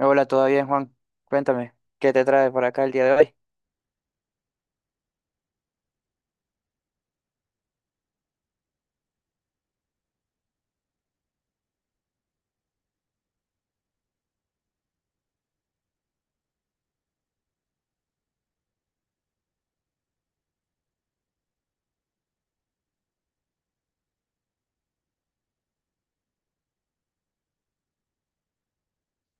Hola, ¿todo bien, Juan? Cuéntame, ¿qué te trae por acá el día de hoy?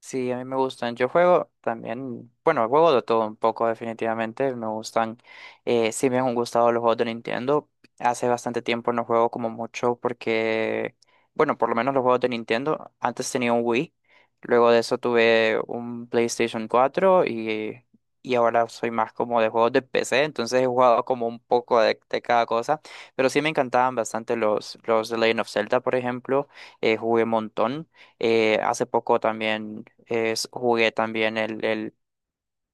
Sí, a mí me gustan. Yo juego también, bueno, juego de todo un poco definitivamente. Me gustan, sí me han gustado los juegos de Nintendo. Hace bastante tiempo no juego como mucho porque, bueno, por lo menos los juegos de Nintendo. Antes tenía un Wii, luego de eso tuve un PlayStation 4 y ahora soy más como de juegos de PC. Entonces he jugado como un poco de cada cosa, pero sí me encantaban bastante los The Legend of Zelda, por ejemplo. Jugué un montón. Hace poco también jugué también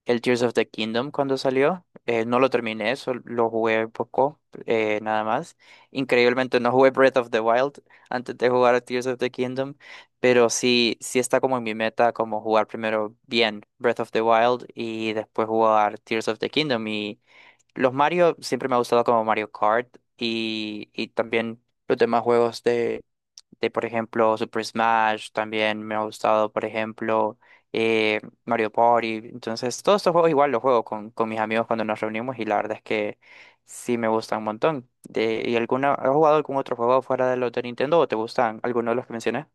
el Tears of the Kingdom cuando salió. No lo terminé, lo jugué un poco, nada más. Increíblemente no jugué Breath of the Wild antes de jugar a Tears of the Kingdom, pero sí está como en mi meta como jugar primero bien Breath of the Wild y después jugar Tears of the Kingdom. Y los Mario siempre me ha gustado como Mario Kart y también los demás juegos de, por ejemplo, Super Smash, también me ha gustado, por ejemplo, Mario Party. Entonces, todos estos juegos igual los juego con mis amigos cuando nos reunimos y la verdad es que sí me gustan un montón. De, ¿y alguna, has jugado algún otro juego fuera de los de Nintendo o te gustan alguno de los que mencioné?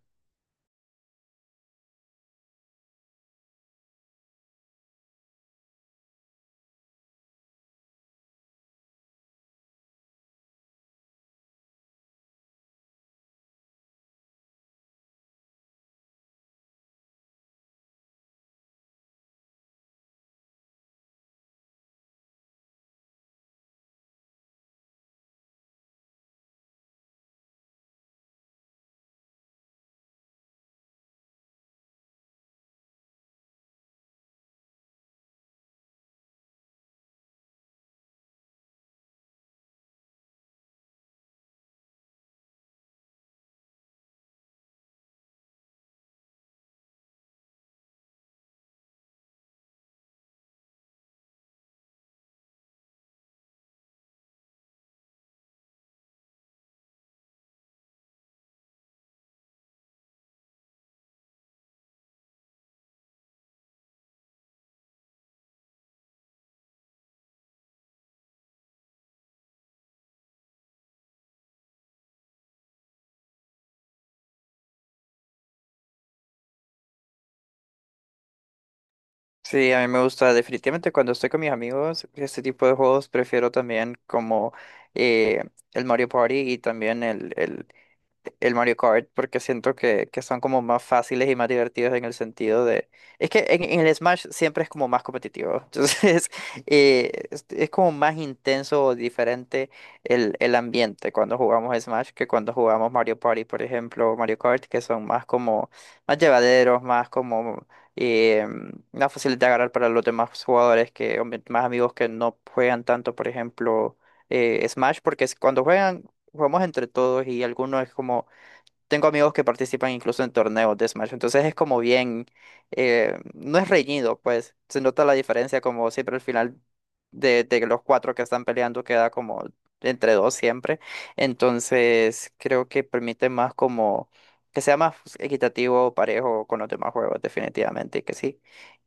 Sí, a mí me gusta definitivamente cuando estoy con mis amigos, este tipo de juegos prefiero también como eh, el Mario Party y también el Mario Kart porque siento que son como más fáciles y más divertidos en el sentido de... Es que en el Smash siempre es como más competitivo, entonces es como más intenso o diferente el ambiente cuando jugamos Smash que cuando jugamos Mario Party, por ejemplo, o Mario Kart, que son más como más llevaderos, más como eh, más fáciles de agarrar para los demás jugadores, que o más amigos que no juegan tanto, por ejemplo Smash, porque cuando juegan jugamos entre todos y algunos es como, tengo amigos que participan incluso en torneos de Smash, entonces es como bien, no es reñido, pues se nota la diferencia como siempre al final de los cuatro que están peleando queda como entre dos siempre, entonces creo que permite más como que sea más equitativo, parejo con los demás juegos, definitivamente que sí.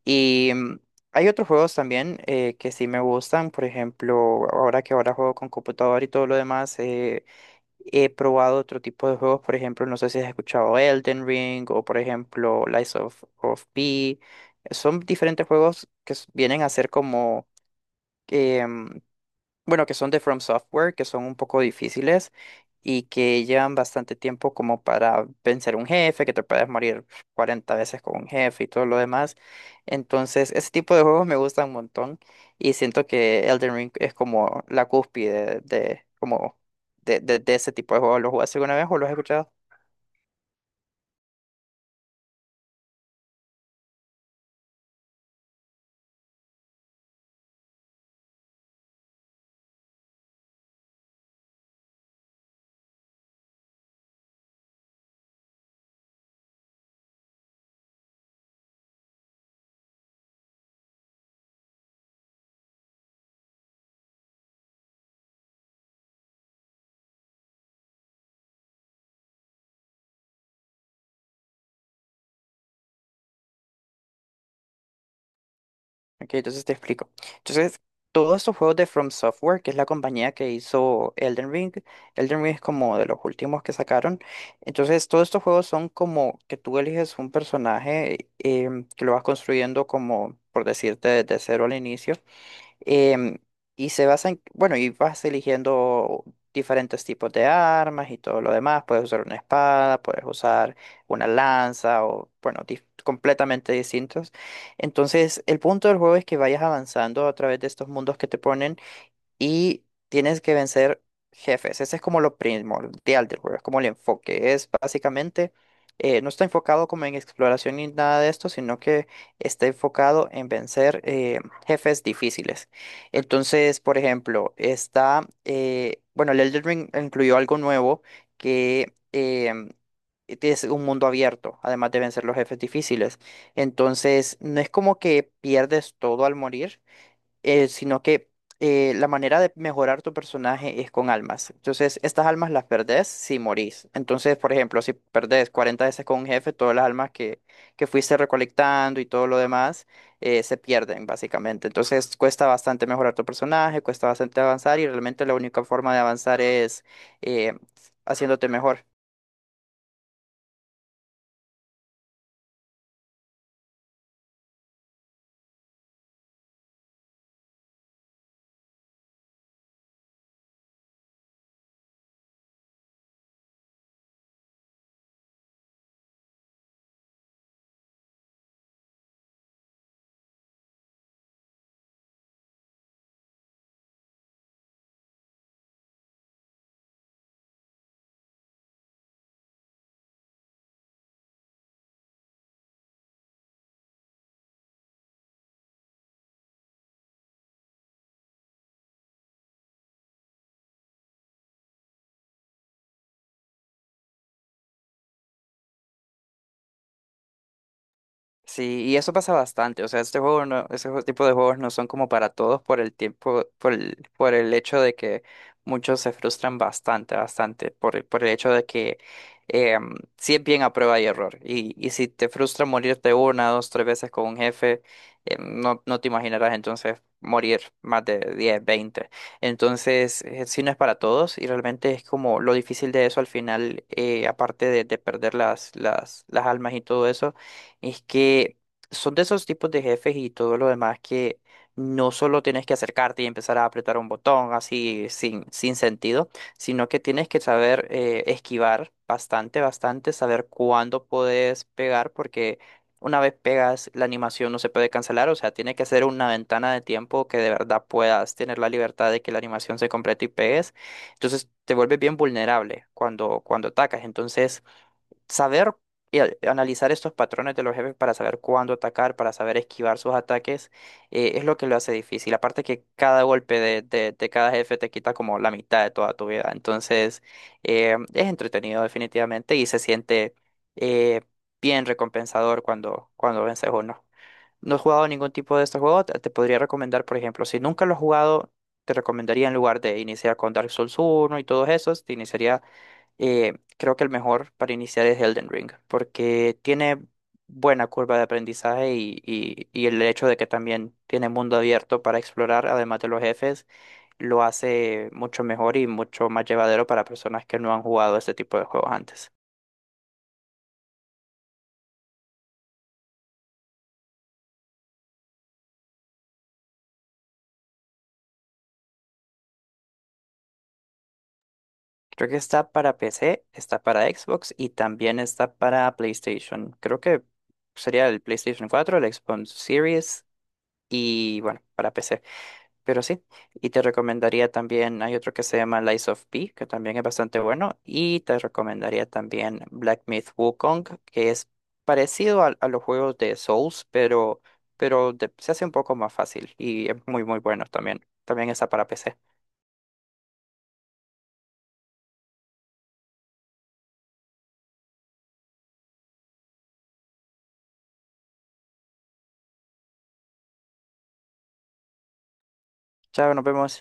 Y hay otros juegos también que sí me gustan, por ejemplo, ahora que ahora juego con computador y todo lo demás. He probado otro tipo de juegos, por ejemplo, no sé si has escuchado Elden Ring o por ejemplo Lies of P. Son diferentes juegos que vienen a ser como em, bueno, que son de From Software, que son un poco difíciles y que llevan bastante tiempo como para vencer un jefe, que te puedes morir 40 veces con un jefe y todo lo demás. Entonces, ese tipo de juegos me gustan un montón y siento que Elden Ring es como la cúspide como de ese tipo de juegos. ¿Lo jugaste alguna vez o lo has escuchado? Ok, entonces te explico. Entonces, todos estos juegos de From Software, que es la compañía que hizo Elden Ring, Elden Ring es como de los últimos que sacaron. Entonces, todos estos juegos son como que tú eliges un personaje que lo vas construyendo como, por decirte, desde cero al inicio. Em, y se basa en, bueno, y vas eligiendo diferentes tipos de armas y todo lo demás. Puedes usar una espada, puedes usar una lanza o, bueno, completamente distintos. Entonces, el punto del juego es que vayas avanzando a través de estos mundos que te ponen y tienes que vencer jefes. Ese es como lo primordial del juego, es como el enfoque. Es básicamente, no está enfocado como en exploración ni nada de esto, sino que está enfocado en vencer jefes difíciles. Entonces, por ejemplo, está, bueno, el Elden Ring incluyó algo nuevo que es un mundo abierto, además de vencer los jefes difíciles. Entonces, no es como que pierdes todo al morir, sino que la manera de mejorar tu personaje es con almas. Entonces, estas almas las perdés si morís. Entonces, por ejemplo, si perdés 40 veces con un jefe, todas las almas que fuiste recolectando y todo lo demás se pierden, básicamente. Entonces, cuesta bastante mejorar tu personaje, cuesta bastante avanzar y realmente la única forma de avanzar es eh, haciéndote mejor. Sí, y eso pasa bastante. O sea, este juego no, ese jue- tipo de juegos no son como para todos por el tiempo, por el hecho de que muchos se frustran bastante, por el hecho de que sí es bien a prueba y error. Y si te frustra morirte una, dos, tres veces con un jefe, no te imaginarás entonces morir más de 10, 20. Entonces, sí no es para todos y realmente es como lo difícil de eso al final, aparte de perder las almas y todo eso es que son de esos tipos de jefes y todo lo demás que no solo tienes que acercarte y empezar a apretar un botón así sin sentido, sino que tienes que saber esquivar bastante, saber cuándo puedes pegar, porque una vez pegas la animación no se puede cancelar, o sea, tiene que ser una ventana de tiempo que de verdad puedas tener la libertad de que la animación se complete y pegues. Entonces te vuelves bien vulnerable cuando atacas. Entonces saber y analizar estos patrones de los jefes para saber cuándo atacar, para saber esquivar sus ataques, es lo que lo hace difícil. Aparte que cada golpe de cada jefe te quita como la mitad de toda tu vida. Entonces, es entretenido definitivamente y se siente eh, bien recompensador cuando vences uno. No, he jugado ningún tipo de estos juegos, te podría recomendar, por ejemplo, si nunca lo has jugado, te recomendaría en lugar de iniciar con Dark Souls uno y todos esos, te iniciaría creo que el mejor para iniciar es Elden Ring, porque tiene buena curva de aprendizaje y el hecho de que también tiene mundo abierto para explorar, además de los jefes, lo hace mucho mejor y mucho más llevadero para personas que no han jugado este tipo de juegos antes. Creo que está para PC, está para Xbox y también está para PlayStation. Creo que sería el PlayStation 4 el Xbox Series y bueno, para PC. Pero sí, y te recomendaría también, hay otro que se llama Lies of P, que también es bastante bueno, y te recomendaría también Black Myth Wukong, que es parecido a los juegos de Souls, pero, se hace un poco más fácil y es muy, muy bueno también. También está para PC. Chao, nos vemos.